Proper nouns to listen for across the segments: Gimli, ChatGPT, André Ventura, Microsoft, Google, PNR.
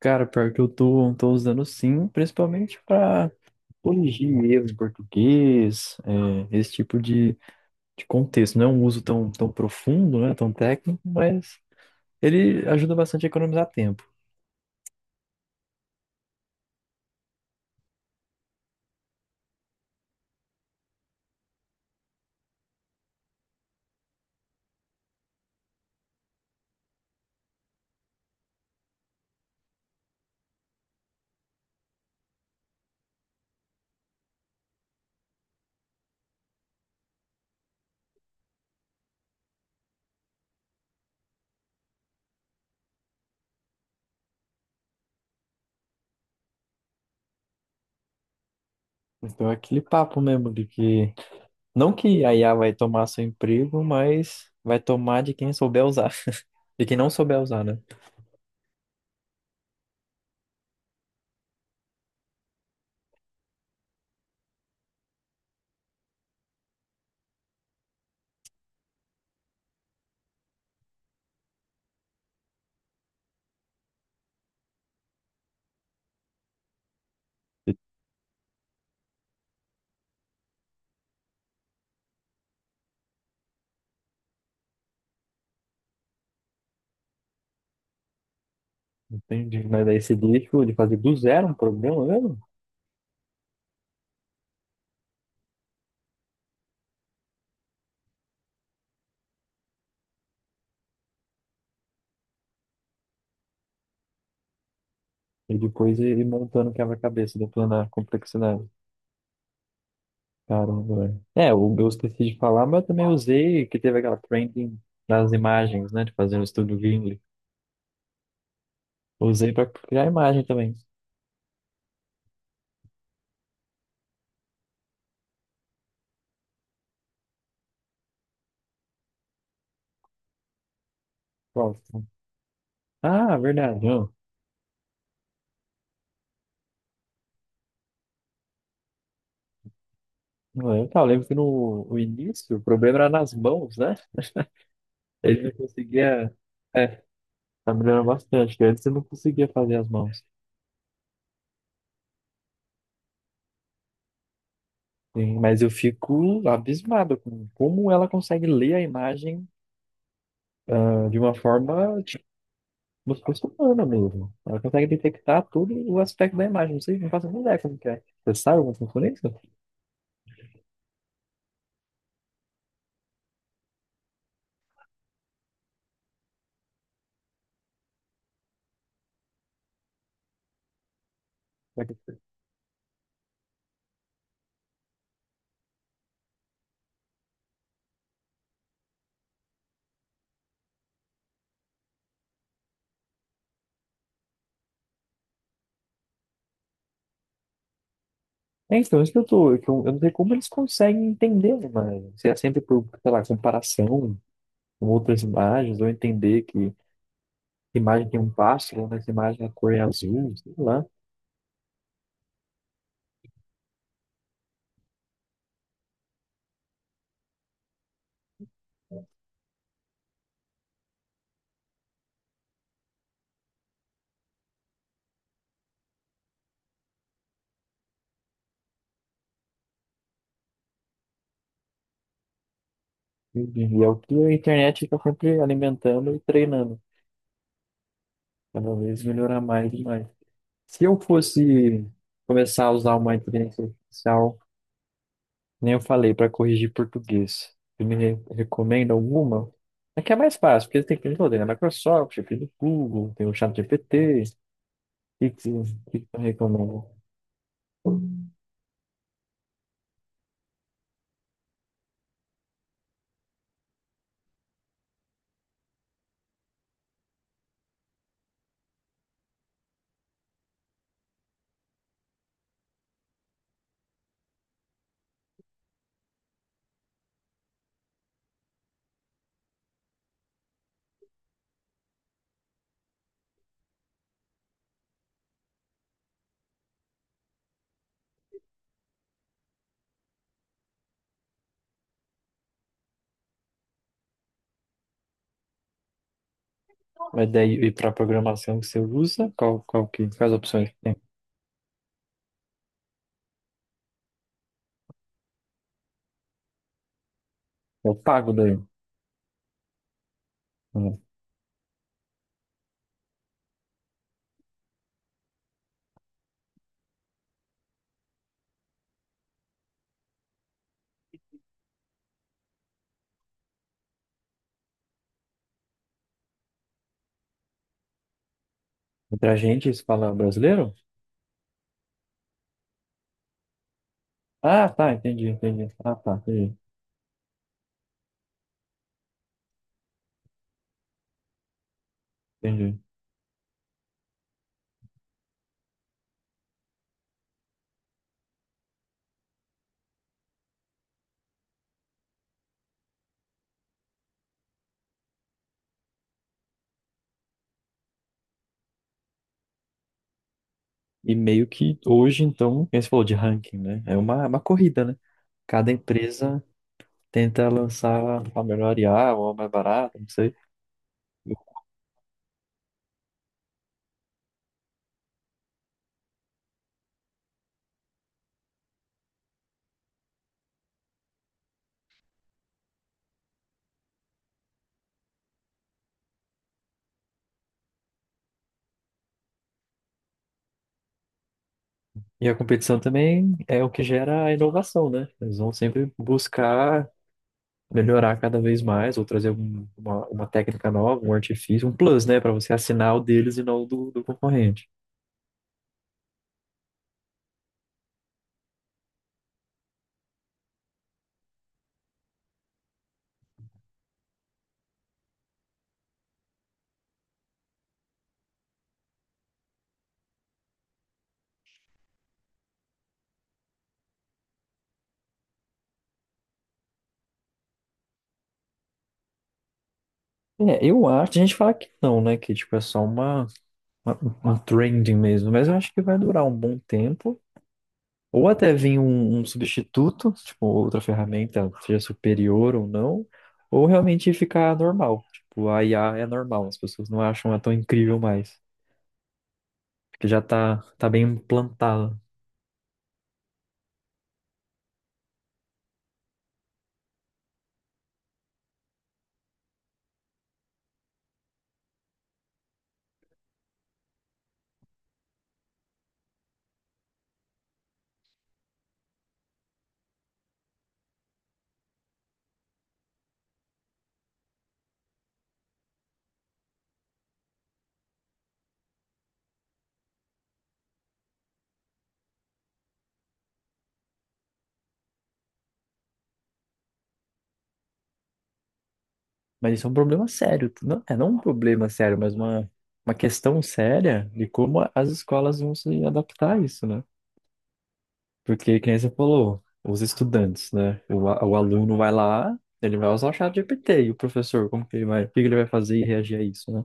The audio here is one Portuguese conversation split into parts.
Cara, pior que eu tô usando, sim, principalmente para corrigir erros em português, esse tipo de contexto. Não é um uso tão, tão profundo, né, tão técnico, mas ele ajuda bastante a economizar tempo. Então é aquele papo mesmo de que, não que a IA vai tomar seu emprego, mas vai tomar de quem souber usar, de quem não souber usar, né? Entendi. Mas daí esse lixo de fazer do zero um problema mesmo, e depois ele montando o quebra-cabeça, depois na complexidade. Caramba, velho. É, eu esqueci de falar, mas eu também usei, que teve aquela trending das imagens, né? De fazer um estudo Gimli. Usei pra criar imagem também. Próximo. Ah, verdade, ó. Não. Tá, eu lembro que no o início o problema era nas mãos, né? Ele não conseguia. É, tá melhorando bastante, que antes eu não conseguia fazer as mãos. Sim, mas eu fico abismado com como ela consegue ler a imagem, de uma forma. Por mesmo. Ela consegue detectar todo o aspecto da imagem. Não sei, não faço nem ideia como que é. Você sabe como funciona isso? É que- É, é, então, isso que eu tô. É que eu não sei como eles conseguem entender as imagens. Se é sempre por, sei lá, comparação com outras imagens, ou entender que imagem tem um pássaro, nessa imagem é a cor é azul, sei lá. E é o que a internet fica sempre alimentando e treinando. Cada vez melhorar mais e mais. Se eu fosse começar a usar uma inteligência artificial. Nem eu falei, para corrigir português. Você me recomenda alguma? Aqui é mais fácil, porque tem que toda, tem na Microsoft, tem do Google, tem o ChatGPT. O que que eu recomendo? Mas daí, e para programação que você usa, quais opções que tem? Eu pago daí. Hum. Entre a gente, se fala brasileiro? Ah, tá, entendi, entendi. Ah, tá, entendi, entendi. E meio que hoje, então, como você falou de ranking, né? É uma corrida, né? Cada empresa tentar lançar a melhor IA ou a mais barata, não sei. E a competição também é o que gera a inovação, né? Eles vão sempre buscar melhorar cada vez mais ou trazer uma técnica nova, um artifício, um plus, né? Para você assinar o deles e não o do concorrente. É, eu acho, a gente fala que não, né? Que tipo, é só uma, uma trending mesmo, mas eu acho que vai durar um bom tempo. Ou até vir um substituto, tipo, outra ferramenta, seja superior ou não, ou realmente ficar normal. Tipo, a IA é normal, as pessoas não acham ela tão incrível mais, porque já tá bem implantada. Mas isso é um problema sério, não, é não um problema sério, mas uma questão séria de como as escolas vão se adaptar a isso, né? Porque, como você falou, os estudantes, né? O aluno vai lá, ele vai usar o chat GPT, e o professor, como que ele vai, o que que ele vai fazer e reagir a isso, né?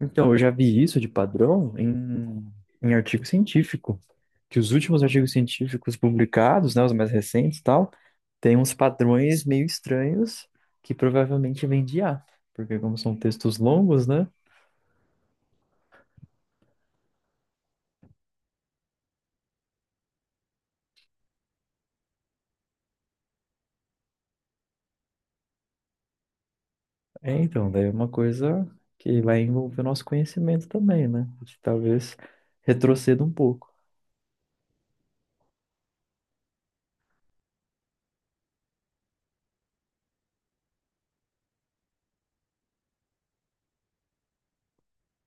Então, eu já vi isso de padrão em artigo científico, que os últimos artigos científicos publicados, né, os mais recentes e tal, têm uns padrões meio estranhos que provavelmente vêm de IA, porque como são textos longos, né? É, então, daí é uma coisa que vai envolver o nosso conhecimento também, né? Que talvez retroceda um pouco.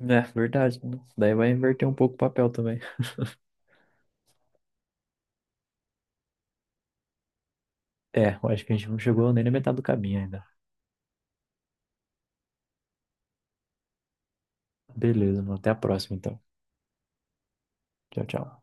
É, verdade, né? Daí vai inverter um pouco o papel também. É, eu acho que a gente não chegou nem na metade do caminho ainda. Beleza, mano. Até a próxima, então. Tchau, tchau.